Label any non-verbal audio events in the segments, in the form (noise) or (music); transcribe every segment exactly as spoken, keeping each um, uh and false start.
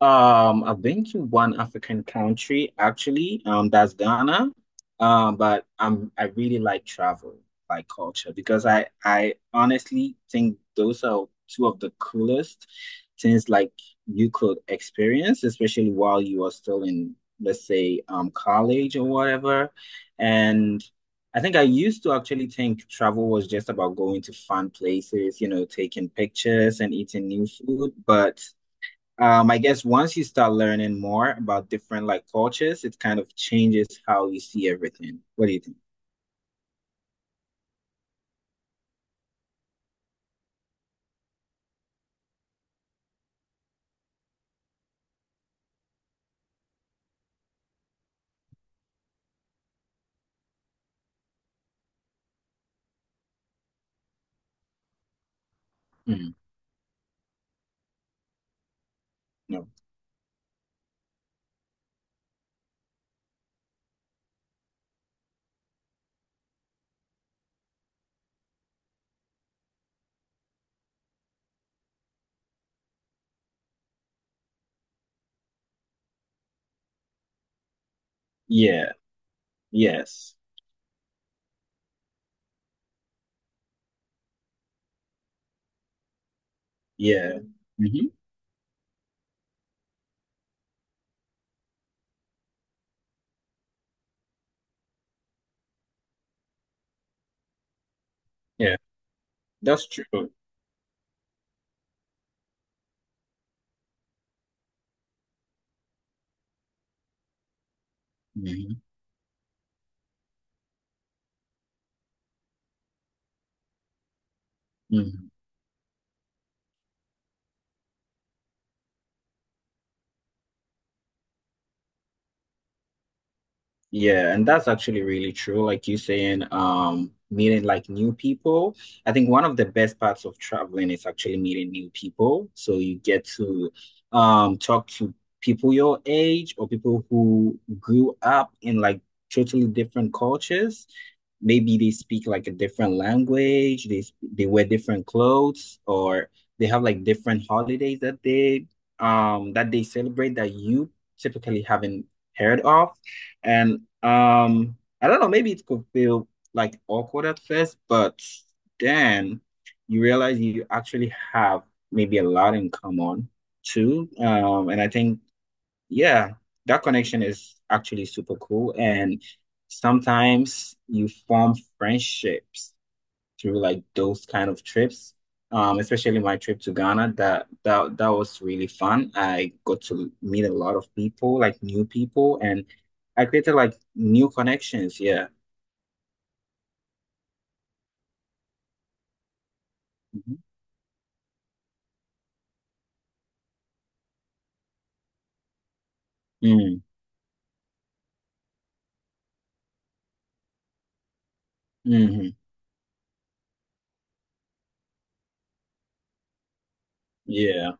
Um, I've been to one African country actually, um, that's Ghana. Um, but um, I really like travel, like culture, because I I honestly think those are two of the coolest things like you could experience, especially while you are still in, let's say, um, college or whatever. And I think I used to actually think travel was just about going to fun places, you know, taking pictures and eating new food, but um, I guess once you start learning more about different like cultures, it kind of changes how you see everything. What do you think? Mhm. No. Yeah. Yes. Yeah. Hmm. Yeah. That's true. Hmm. Yeah, and that's actually really true. Like you saying, um, meeting like new people. I think one of the best parts of traveling is actually meeting new people. So you get to um talk to people your age or people who grew up in like totally different cultures. Maybe they speak like a different language, they sp- they wear different clothes, or they have like different holidays that they um that they celebrate that you typically haven't heard of. And um, I don't know, maybe it could feel like awkward at first, but then you realize you actually have maybe a lot in common too. Um, and I think, yeah, that connection is actually super cool. And sometimes you form friendships through like those kind of trips. Um, especially my trip to Ghana, that that that was really fun. I got to meet a lot of people, like new people, and I created like new connections. Yeah. Mm-hmm. Mm-hmm. Yeah.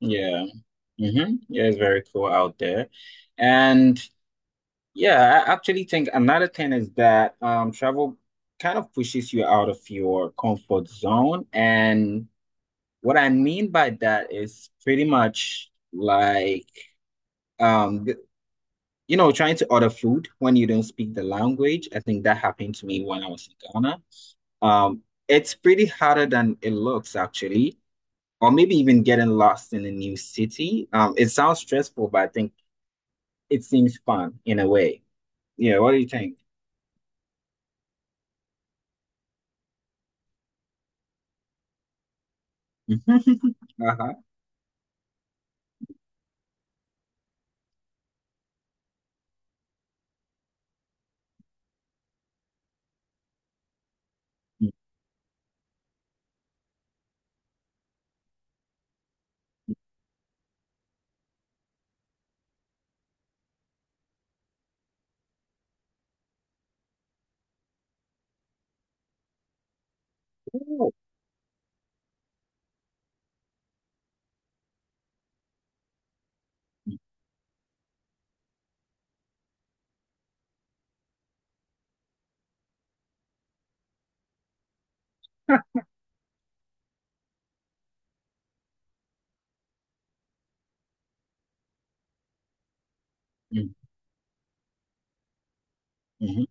Yeah. Mm-hmm. Yeah, it's very cool out there. And yeah, I actually think another thing is that um travel kind of pushes you out of your comfort zone and what I mean by that is pretty much like um th- you know trying to order food when you don't speak the language. I think that happened to me when I was in Ghana. Um, it's pretty harder than it looks actually, or maybe even getting lost in a new city. Um, it sounds stressful, but I think it seems fun in a way. Yeah, what do you think? (laughs) Uh-huh. Mhm. Mhm. Mhm.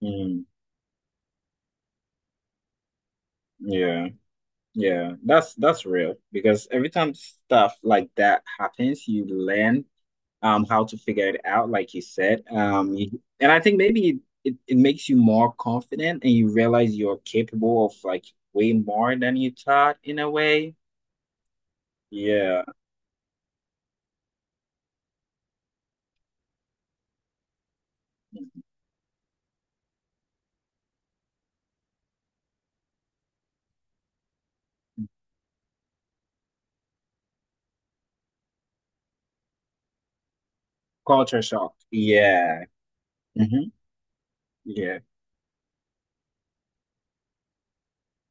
Mhm. Yeah. Yeah, that's that's real because every time stuff like that happens, you learn um how to figure it out, like you said. Um, you- and I think maybe it, it, it makes you more confident and you realize you're capable of like way more than you thought in a way. Yeah. Culture shock. Yeah. Hmm. Yeah.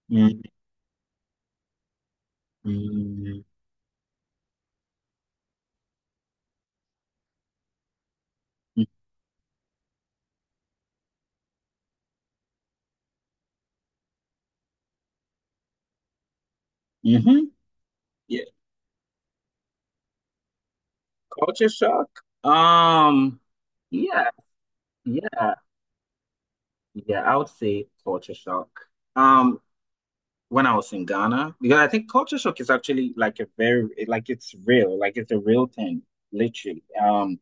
Mm-hmm. Hmm. Yeah. Culture shock. Um, yeah, yeah, yeah, I would say culture shock. Um, when I was in Ghana because I think culture shock is actually like a very like it's real, like it's a real thing, literally. Um,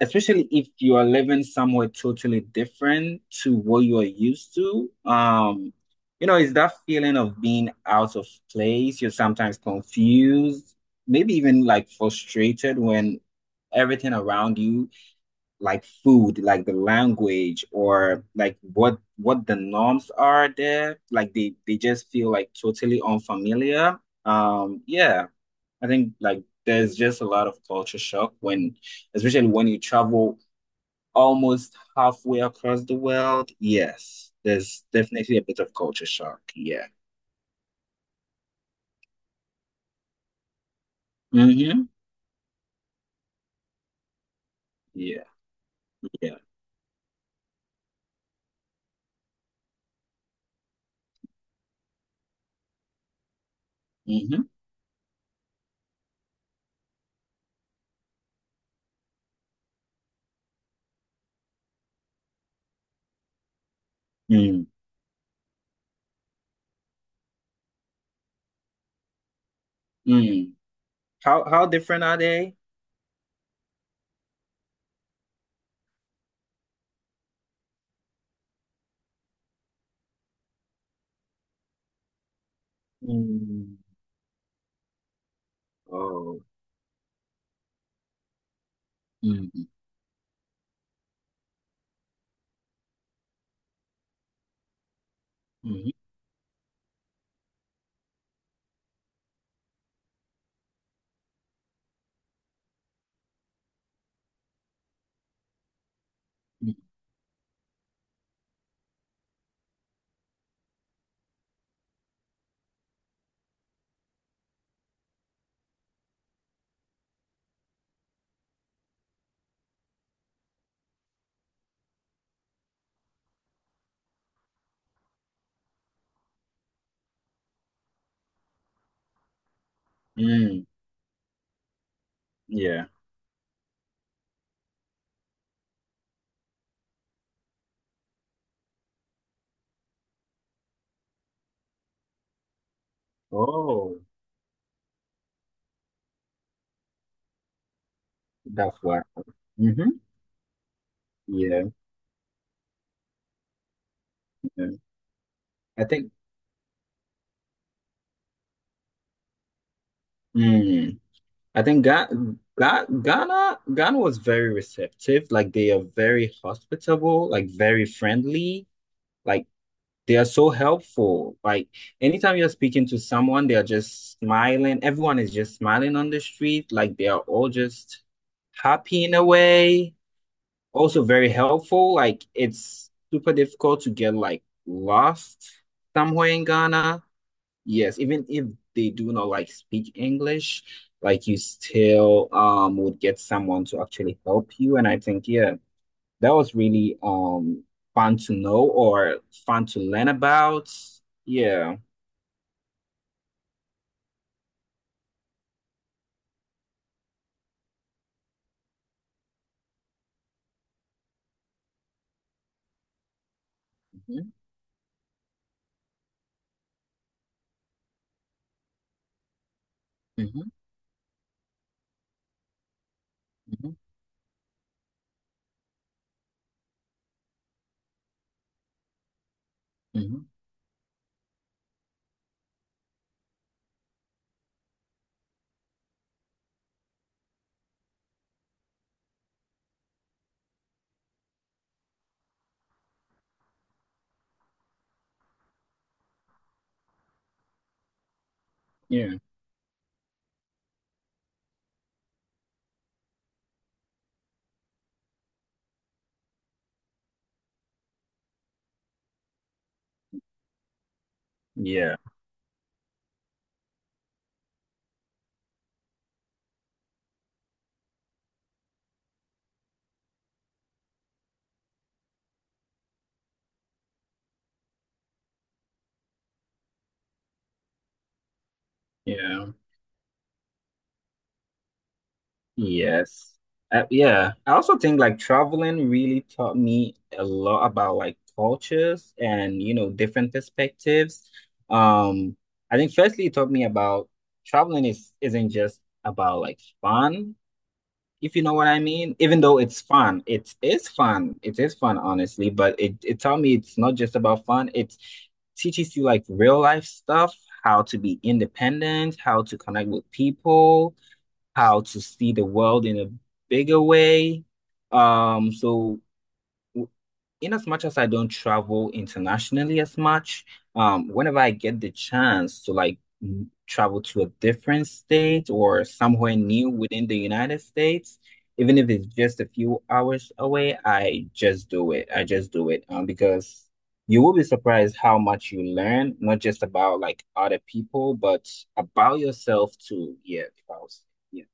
especially if you are living somewhere totally different to what you are used to. Um, you know, it's that feeling of being out of place. You're sometimes confused, maybe even like frustrated when everything around you like food, like the language or like what what the norms are there. Like they they just feel like totally unfamiliar. Um, yeah, I think like there's just a lot of culture shock when, especially when you travel almost halfway across the world. Yes, there's definitely a bit of culture shock. Yeah. Mm-hmm. Yeah. Yeah. Mm-hmm. Mm. Mm. How how different are they? Mm. Oh. Mm-hmm. Mm-hmm. Mm. Yeah. Oh, that's why. Mm-hmm. Yeah. Yeah. I think mm, I think Ga Ga Ghana Ghana was very receptive. Like they are very hospitable, like very friendly. Like they are so helpful. Like anytime you're speaking to someone, they are just smiling. Everyone is just smiling on the street. Like they are all just happy in a way. Also very helpful. Like it's super difficult to get like lost somewhere in Ghana. Yes, even if they do not like speak English, like you still um would get someone to actually help you. And I think yeah, that was really um fun to know or fun to learn about. Yeah. Hmm. Hmm. Hmm. Hmm. Yeah. Yeah. Yeah. Yes. Uh, yeah. I also think like traveling really taught me a lot about like cultures and, you know, different perspectives. Um, I think firstly it taught me about traveling is isn't just about like fun, if you know what I mean. Even though it's fun, it is fun. It is fun, honestly, but it, it taught me it's not just about fun. It's teaches you like real life stuff, how to be independent, how to connect with people how to see the world in a bigger way. Um, so w- in as much as I don't travel internationally as much, um, whenever I get the chance to like m- travel to a different state or somewhere new within the United States, even if it's just a few hours away, I just do it. I just do it. Um, because you will be surprised how much you learn, not just about like other people, but about yourself too. Yeah, if I was- yeah.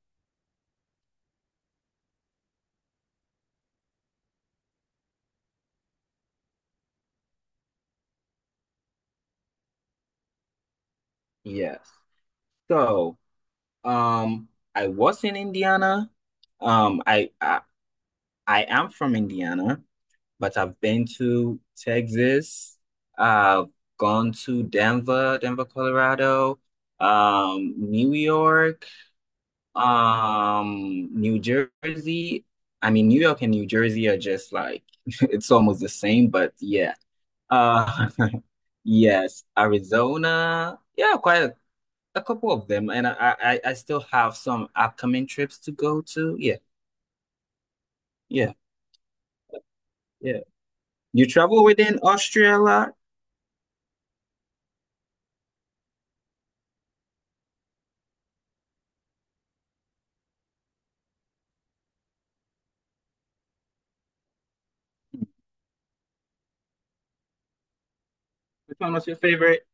Yes. So, um, I was in Indiana. Um, I, I I am from Indiana, but I've been to Texas. I've gone to Denver, Denver, Colorado, um, New York, um, New Jersey. I mean, New York and New Jersey are just like (laughs) it's almost the same, but yeah. Uh, (laughs) yes, Arizona. Yeah, quite a, a couple of them, and I, I I still have some upcoming trips to go to. Yeah, yeah, yeah. You travel within Austria a lot? Which one was your favorite?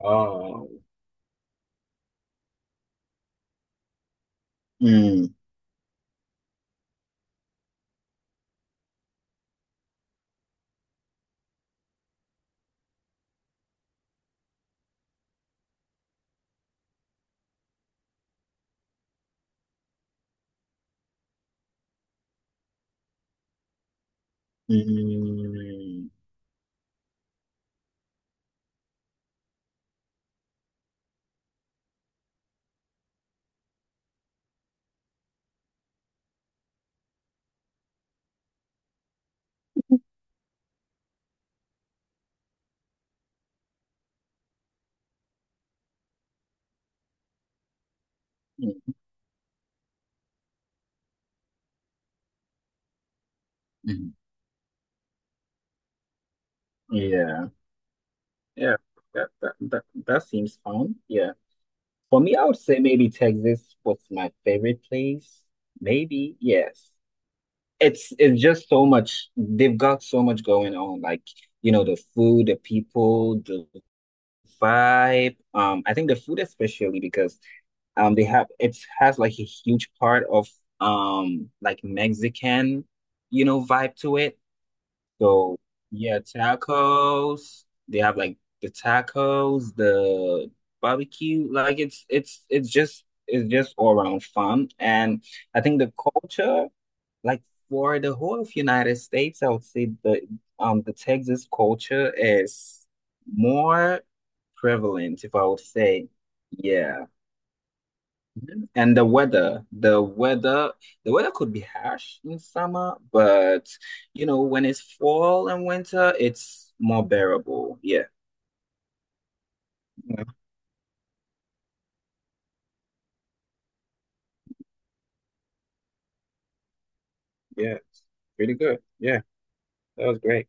Oh, mm, mm, mm, mm. Yeah, yeah. That, that that that seems fun. Yeah. For me, I would say maybe Texas was my favorite place. Maybe, yes. It's it's just so much. They've got so much going on. Like, you know, the food, the people, the vibe. Um, I think the food especially because um they have it has like a huge part of um like Mexican, you know, vibe to it. So yeah, tacos. They have like the tacos, the barbecue. Like it's it's it's just it's just all around fun. And I think the culture like for the whole of United States, I would say the um the Texas culture is more prevalent, if I would say. Yeah. And the weather, the weather, the weather could be harsh in summer, but you know, when it's fall and winter, it's more bearable. Yeah. Yeah. Yeah. Pretty good. Yeah. That was great.